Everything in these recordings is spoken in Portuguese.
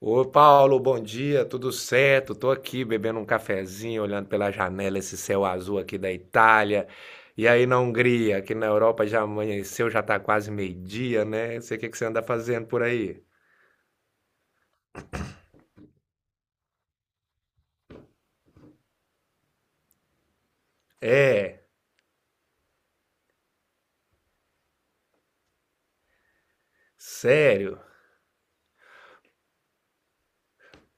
Ô Paulo, bom dia, tudo certo? Tô aqui bebendo um cafezinho, olhando pela janela esse céu azul aqui da Itália. E aí na Hungria, aqui na Europa já amanheceu, já tá quase meio-dia, né? Não sei o que que você anda fazendo por aí. É, sério?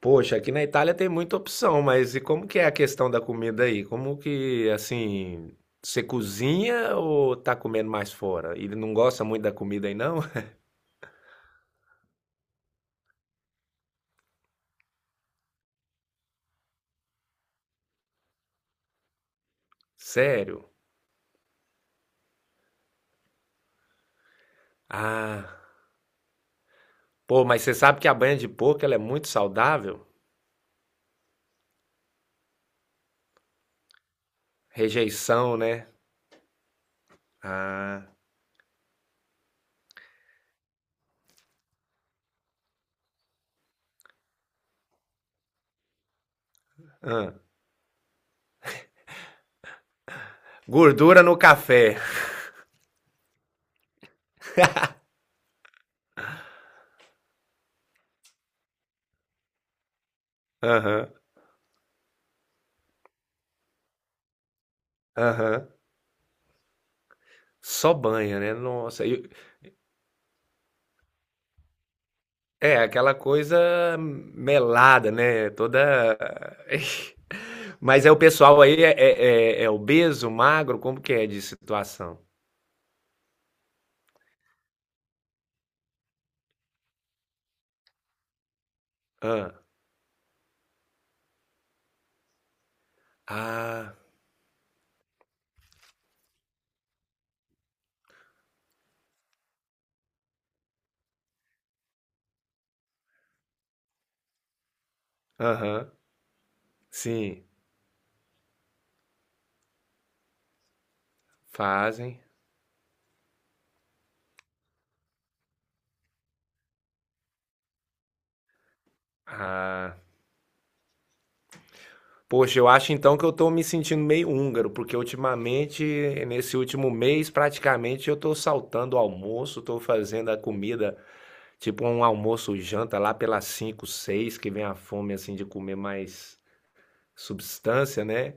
Poxa, aqui na Itália tem muita opção, mas e como que é a questão da comida aí? Como que, assim, você cozinha ou tá comendo mais fora? Ele não gosta muito da comida aí, não? Sério? Ah. Pô, mas você sabe que a banha de porco ela é muito saudável? Rejeição, né? Ah, hã. Gordura no café. Aham, aham. Só banha, né? Nossa. É aquela coisa melada, né? Toda. Mas é o pessoal aí é obeso, magro? Como que é de situação? Ah, Ah, aham. Sim. Fazem. Ah. Poxa, eu acho então que eu tô me sentindo meio húngaro, porque ultimamente, nesse último mês, praticamente eu tô saltando o almoço, tô fazendo a comida, tipo um almoço janta lá pelas 5, seis, que vem a fome assim de comer mais substância, né?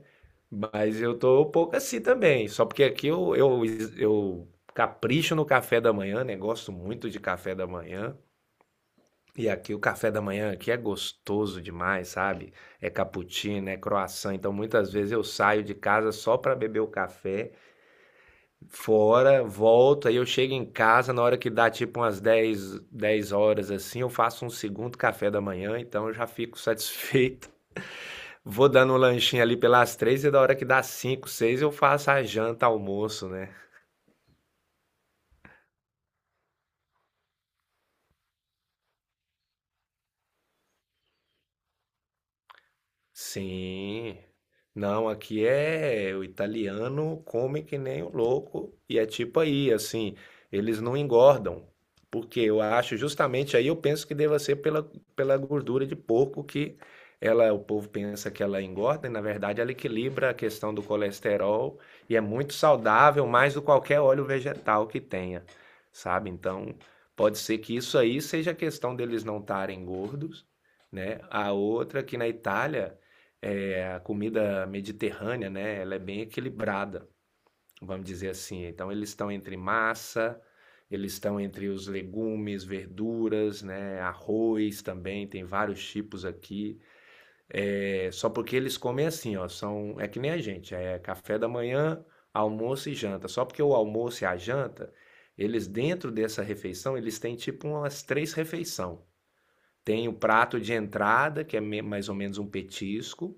Mas eu tô um pouco assim também, só porque aqui eu capricho no café da manhã, né? Gosto muito de café da manhã. E aqui o café da manhã aqui é gostoso demais, sabe? É cappuccino, é croissant. Então muitas vezes eu saio de casa só para beber o café fora, volto, aí eu chego em casa na hora que dá tipo umas dez horas assim, eu faço um segundo café da manhã, então eu já fico satisfeito. Vou dando um lanchinho ali pelas três, e da hora que dá cinco, seis, eu faço a janta, almoço, né? Sim. Não, aqui é o italiano come que nem o louco e é tipo aí, assim, eles não engordam. Porque eu acho justamente, aí eu penso que deva ser pela gordura de porco, que ela, o povo pensa que ela engorda, e na verdade ela equilibra a questão do colesterol, e é muito saudável, mais do que qualquer óleo vegetal que tenha, sabe? Então, pode ser que isso aí seja a questão deles não estarem gordos, né? A outra, que na Itália é, a comida mediterrânea, né, ela é bem equilibrada, vamos dizer assim. Então, eles estão entre massa, eles estão entre os legumes, verduras, né, arroz também, tem vários tipos aqui. É, só porque eles comem assim, ó, são, é que nem a gente, é café da manhã, almoço e janta. Só porque o almoço e a janta, eles, dentro dessa refeição, eles têm tipo umas três refeições. Tem o prato de entrada, que é mais ou menos um petisco,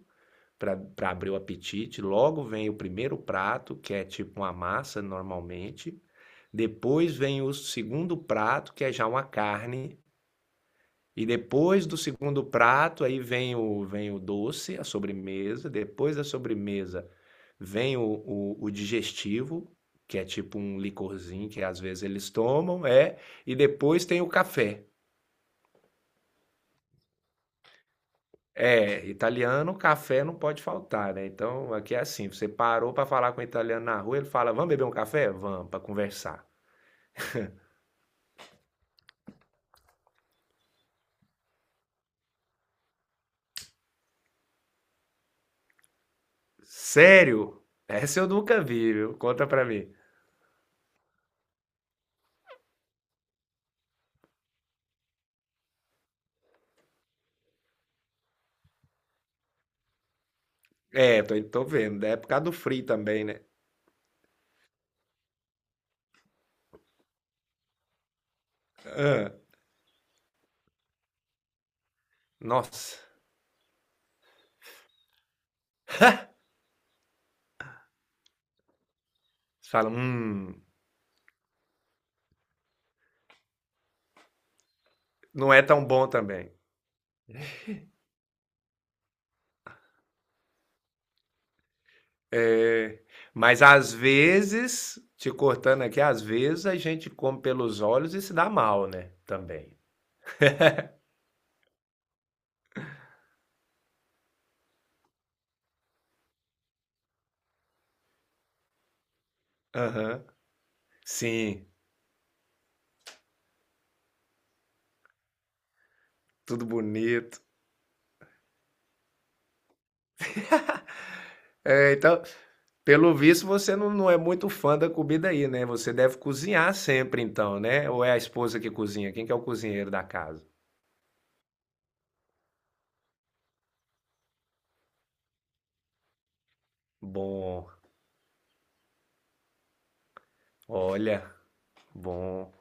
para abrir o apetite. Logo vem o primeiro prato, que é tipo uma massa normalmente. Depois vem o segundo prato, que é já uma carne. E depois do segundo prato, aí vem o doce, a sobremesa. Depois da sobremesa, vem o digestivo, que é tipo um licorzinho que às vezes eles tomam, é. E depois tem o café. É, italiano, café não pode faltar, né. Então, aqui é assim, você parou pra falar com um italiano na rua, ele fala: "Vamos beber um café?". "Vamos", pra conversar. "Sério?". Essa eu nunca vi, viu. Conta pra mim. É, tô vendo. É por causa do frio também, né. Hã. Nossa, você fala: não é tão bom também". É. Mas às vezes, te cortando aqui, às vezes a gente come pelos olhos e se dá mal, né, também. Aham. Sim, tudo bonito. É, então, pelo visto, você não é muito fã da comida aí, né? Você deve cozinhar sempre, então, né? Ou é a esposa que cozinha? Quem que é o cozinheiro da casa? Bom, olha, bom.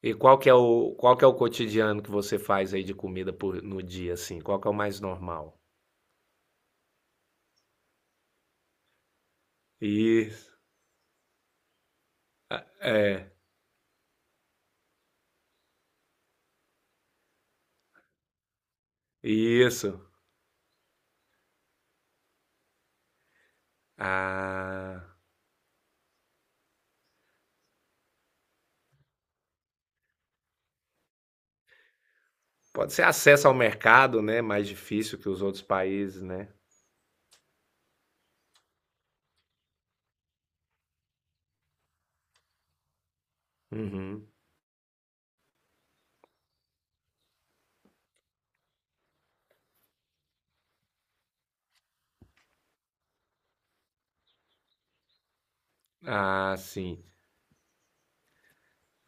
E qual que é o, cotidiano que você faz aí de comida por, no dia, assim? Qual que é o mais normal? Isso, é, isso. Ah, pode ser acesso ao mercado, né? Mais difícil que os outros países, né? Uhum. Ah, sim.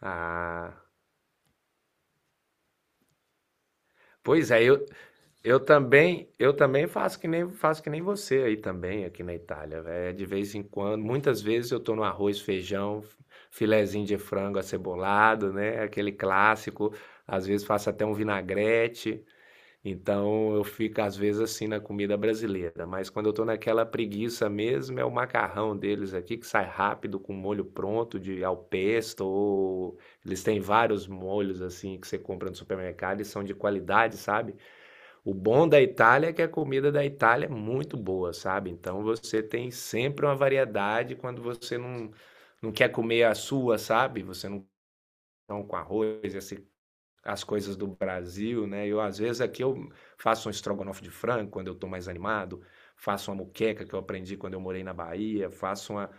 Ah, pois é, Eu também faço que nem você aí também, aqui na Itália, véi. De vez em quando, muitas vezes eu tô no arroz, feijão, filezinho de frango acebolado, né? Aquele clássico. Às vezes faço até um vinagrete. Então eu fico às vezes assim na comida brasileira, mas quando eu tô naquela preguiça mesmo, é o macarrão deles aqui que sai rápido, com molho pronto de al pesto, ou eles têm vários molhos assim que você compra no supermercado e são de qualidade, sabe? O bom da Itália é que a comida da Itália é muito boa, sabe? Então você tem sempre uma variedade quando você não quer comer a sua, sabe? Você não come com arroz, as coisas do Brasil, né? Eu, às vezes, aqui eu faço um estrogonofe de frango quando eu tô mais animado, faço uma moqueca que eu aprendi quando eu morei na Bahia, faço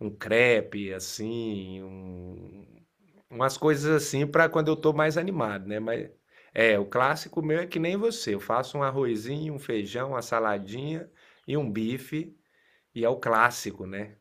um crepe, assim, umas coisas assim para quando eu tô mais animado, né? Mas é, o clássico meu é que nem você. Eu faço um arrozinho, um feijão, uma saladinha e um bife, e é o clássico, né?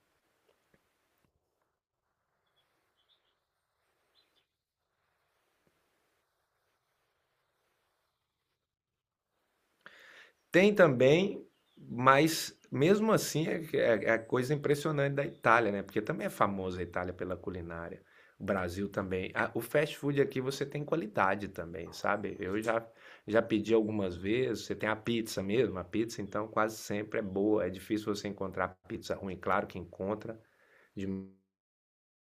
Tem também, mas mesmo assim é a coisa impressionante da Itália, né? Porque também é famosa a Itália pela culinária. O Brasil também. O fast food aqui você tem qualidade também, sabe? Eu já pedi algumas vezes. Você tem a pizza mesmo, a pizza então quase sempre é boa. É difícil você encontrar pizza ruim, claro que encontra de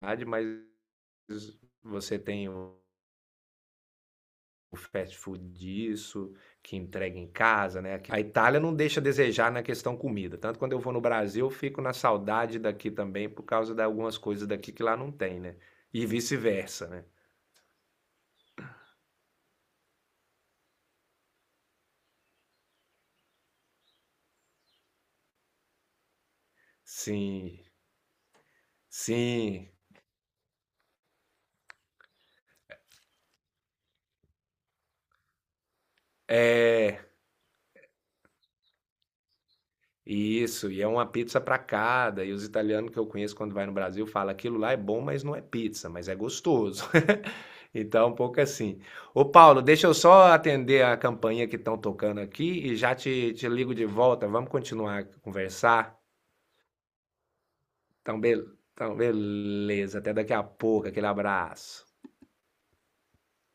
verdade, mas você tem o fast food disso, que entrega em casa, né? A Itália não deixa a desejar na questão comida. Tanto quando eu vou no Brasil, eu fico na saudade daqui também por causa de algumas coisas daqui que lá não tem, né? E vice-versa, né? Sim, sim. É, isso, e é uma pizza para cada. E os italianos que eu conheço quando vai no Brasil fala: "Aquilo lá é bom, mas não é pizza, mas é gostoso". Então, um pouco assim. Ô Paulo, deixa eu só atender a campainha que estão tocando aqui e já te ligo de volta. Vamos continuar a conversar? Então, beleza, até daqui a pouco. Aquele abraço.